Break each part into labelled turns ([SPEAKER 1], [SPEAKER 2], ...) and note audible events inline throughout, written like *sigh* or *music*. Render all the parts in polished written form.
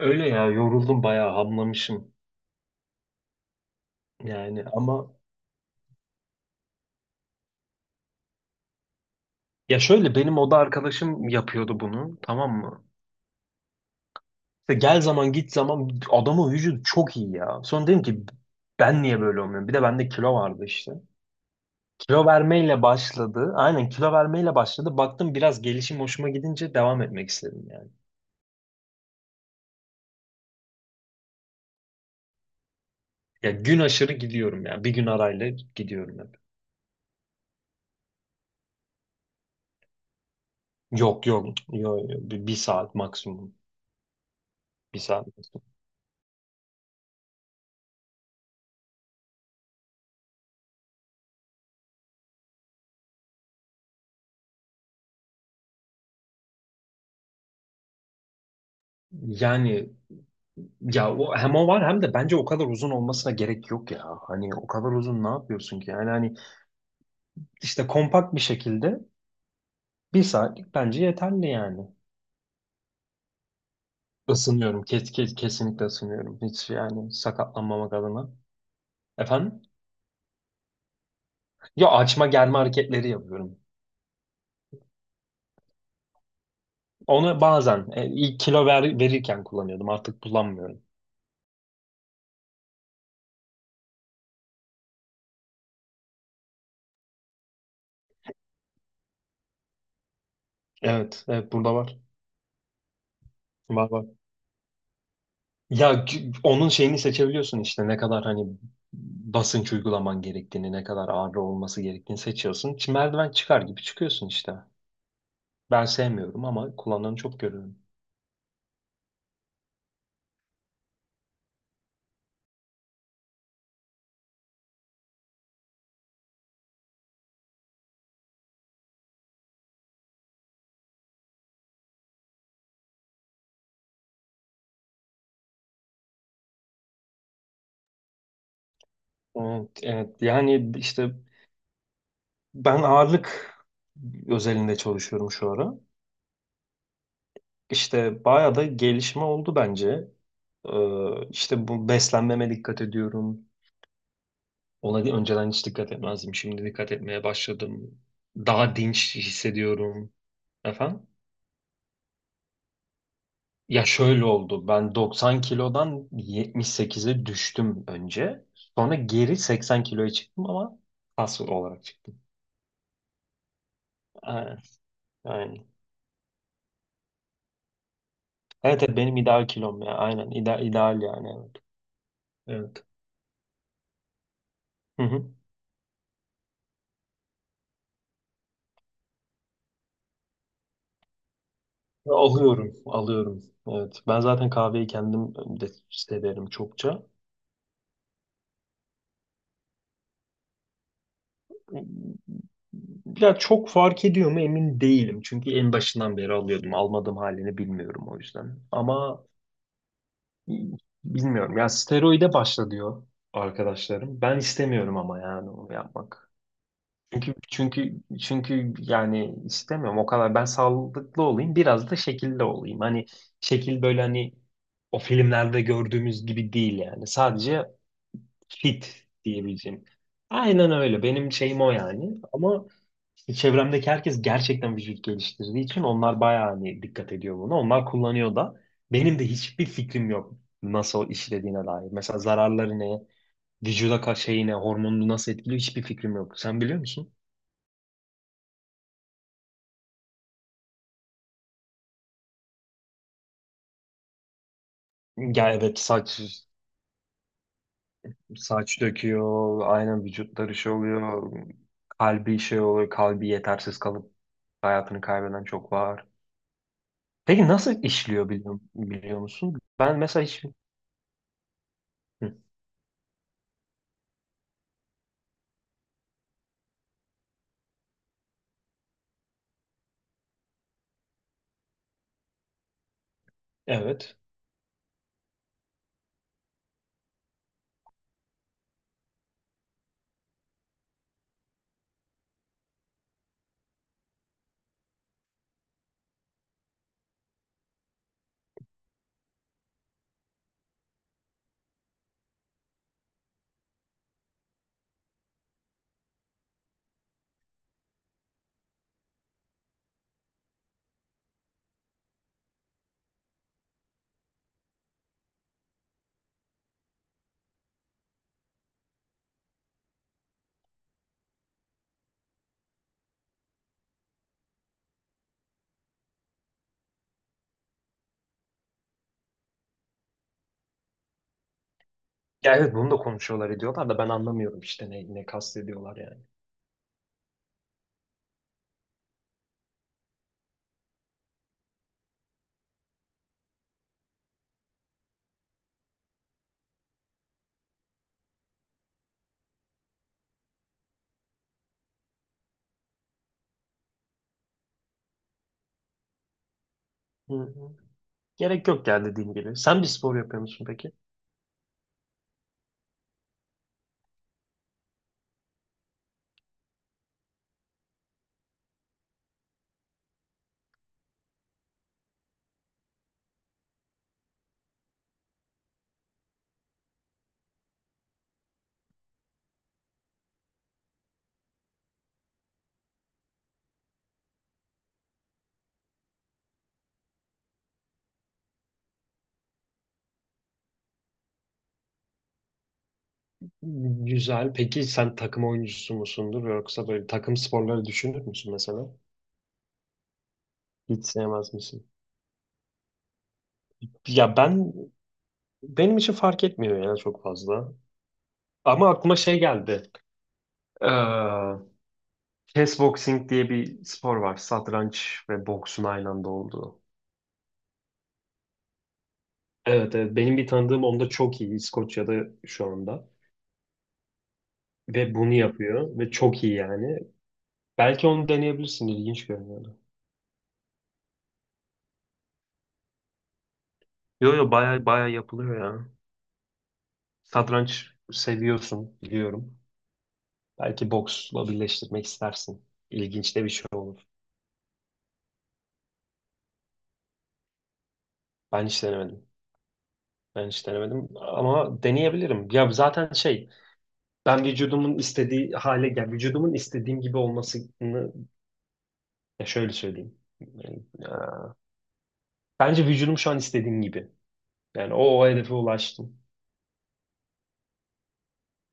[SPEAKER 1] Öyle ya, yoruldum, bayağı hamlamışım. Yani, ama. Ya şöyle, benim oda arkadaşım yapıyordu bunu, tamam mı? İşte gel zaman git zaman adamın vücudu çok iyi ya. Sonra dedim ki ben niye böyle olmuyorum? Bir de bende kilo vardı işte. Kilo vermeyle başladı. Aynen, kilo vermeyle başladı. Baktım, biraz gelişim hoşuma gidince devam etmek istedim yani. Ya gün aşırı gidiyorum ya. Bir gün arayla gidiyorum hep. Yok yok. Yok, yok. Bir saat maksimum. Bir saat maksimum. Yani, ya o, hem o var hem de bence o kadar uzun olmasına gerek yok ya. Hani o kadar uzun ne yapıyorsun ki? Yani hani, işte kompakt bir şekilde bir saatlik bence yeterli yani. Isınıyorum. Kesinlikle ısınıyorum. Hiç, yani sakatlanmamak adına. Efendim? Ya, açma germe hareketleri yapıyorum. Onu bazen, ilk kilo verirken kullanıyordum. Artık kullanmıyorum. Evet, evet, burada var. Var var. Onun şeyini seçebiliyorsun işte, ne kadar hani basınç uygulaman gerektiğini, ne kadar ağır olması gerektiğini seçiyorsun. Merdiven çıkar gibi çıkıyorsun işte. Ben sevmiyorum ama kullananı çok görüyorum. Evet, evet. Yani işte, ben ağırlık özelinde çalışıyorum şu ara. İşte bayağı da gelişme oldu bence. İşte bu, beslenmeme dikkat ediyorum. Önceden hiç dikkat etmezdim. Şimdi dikkat etmeye başladım. Daha dinç hissediyorum. Efendim? Ya şöyle oldu. Ben 90 kilodan 78'e düştüm önce. Sonra geri 80 kiloya çıktım ama kas olarak çıktım. Aynen. Aynen. Evet, evet, benim ideal kilom ya. Aynen. İdeal, ideal yani. Evet. Evet. Hı hı. Alıyorum. Alıyorum. Evet. Ben zaten kahveyi kendim de severim çokça. Ya, çok fark ediyor mu emin değilim. Çünkü en başından beri alıyordum. Almadığım halini bilmiyorum, o yüzden. Ama bilmiyorum. Ya, steroide başla diyor arkadaşlarım. Ben istemiyorum ama, yani onu yapmak. Çünkü çünkü çünkü yani, istemiyorum o kadar. Ben sağlıklı olayım, biraz da şekilli olayım. Hani, şekil böyle, hani o filmlerde gördüğümüz gibi değil yani. Sadece kit diyebileceğim. Aynen öyle. Benim şeyim o yani. Ama işte çevremdeki herkes gerçekten vücut geliştirdiği için onlar bayağı hani dikkat ediyor buna. Onlar kullanıyor da. Benim de hiçbir fikrim yok nasıl işlediğine dair. Mesela zararları ne, vücuda ka şeyi ne, hormonunu nasıl etkiliyor, hiçbir fikrim yok. Sen biliyor musun? Ya evet, saç döküyor, aynen, vücutları şey oluyor, kalbi şey oluyor, kalbi yetersiz kalıp hayatını kaybeden çok var. Peki nasıl işliyor, biliyor musun? Ben mesela hiç... Hı, evet. Ya evet, bunu da konuşuyorlar ediyorlar da ben anlamıyorum işte, ne kastediyorlar yani. Hı hı. Gerek yok ya, dediğim gibi. Sen bir spor yapıyor musun peki? Güzel. Peki sen takım oyuncusu musundur, yoksa böyle takım sporları düşünür müsün mesela? Hiç sevmez misin? Ya ben Benim için fark etmiyor ya, çok fazla. Ama aklıma şey geldi. Ee, Chess boxing diye bir spor var. Satranç ve boksun aynı anda olduğu. Evet evet, benim bir tanıdığım onda çok iyi, İskoçya'da şu anda, ve bunu yapıyor ve çok iyi yani. Belki onu deneyebilirsin, ilginç görünüyordu. Yo yo, baya baya yapılıyor ya. Satranç seviyorsun biliyorum. Belki boksla birleştirmek istersin. İlginç de bir şey olur. Ben hiç denemedim. Ben hiç denemedim ama deneyebilirim. Ya zaten şey, ben vücudumun istediğim gibi olmasını, ya şöyle söyleyeyim. Yani, bence vücudum şu an istediğim gibi. Yani o hedefe ulaştım.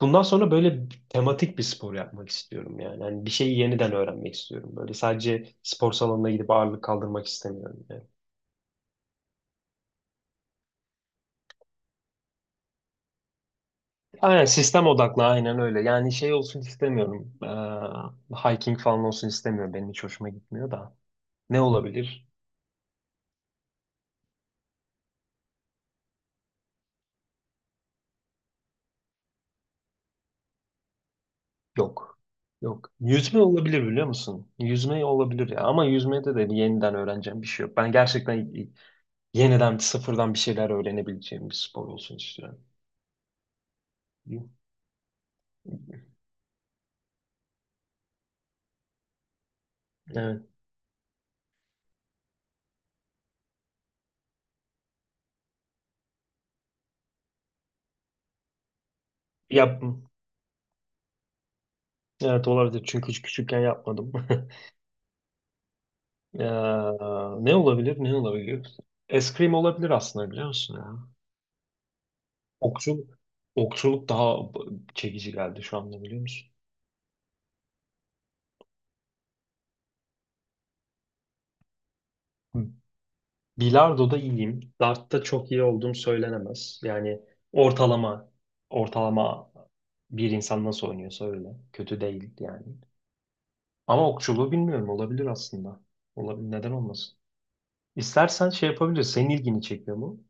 [SPEAKER 1] Bundan sonra böyle tematik bir spor yapmak istiyorum yani. Hani, bir şeyi yeniden öğrenmek istiyorum. Böyle sadece spor salonuna gidip ağırlık kaldırmak istemiyorum yani. Aynen, sistem odaklı, aynen öyle. Yani şey olsun istemiyorum. Hiking falan olsun istemiyorum. Benim hiç hoşuma gitmiyor da. Ne olabilir? Yok. Yok. Yüzme olabilir, biliyor musun? Yüzme olabilir ya. Ama yüzmede de bir yeniden öğreneceğim bir şey yok. Ben gerçekten yeniden sıfırdan bir şeyler öğrenebileceğim bir spor olsun istiyorum. Evet. Yap. Evet, olabilir, çünkü hiç küçükken yapmadım. *laughs* Ee, Ne olabilir? Ne olabilir? Eskrim olabilir aslında, biliyor musun ya? Okçuluk, okçuluk daha çekici geldi şu anda, biliyor musun? Hı. Bilardo'da iyiyim. Dart'ta çok iyi olduğum söylenemez. Yani ortalama ortalama bir insan nasıl oynuyorsa öyle. Kötü değil yani. Ama okçuluğu bilmiyorum, olabilir aslında. Olabilir, neden olmasın? İstersen şey yapabiliriz. Senin ilgini çekiyor mu?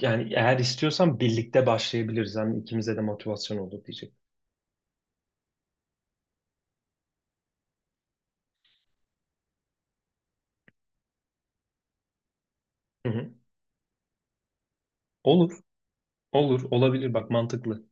[SPEAKER 1] Yani eğer istiyorsan birlikte başlayabiliriz. Hem ikimize de motivasyon olur diyecek. Hı hı. Olur, olur, olabilir. Bak, mantıklı.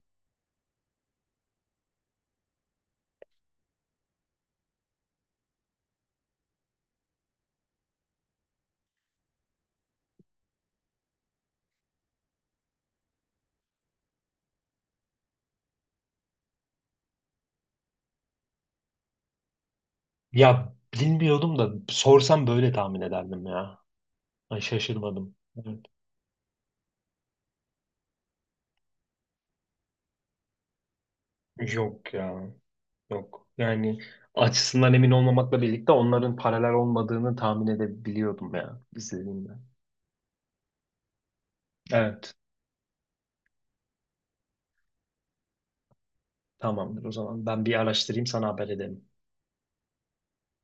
[SPEAKER 1] Ya, bilmiyordum da sorsam böyle tahmin ederdim ya. Ay, şaşırmadım. Evet. Yok ya, yok. Yani, açısından emin olmamakla birlikte onların paralel olmadığını tahmin edebiliyordum ya, izlediğimde. Evet, tamamdır o zaman. Ben bir araştırayım, sana haber ederim.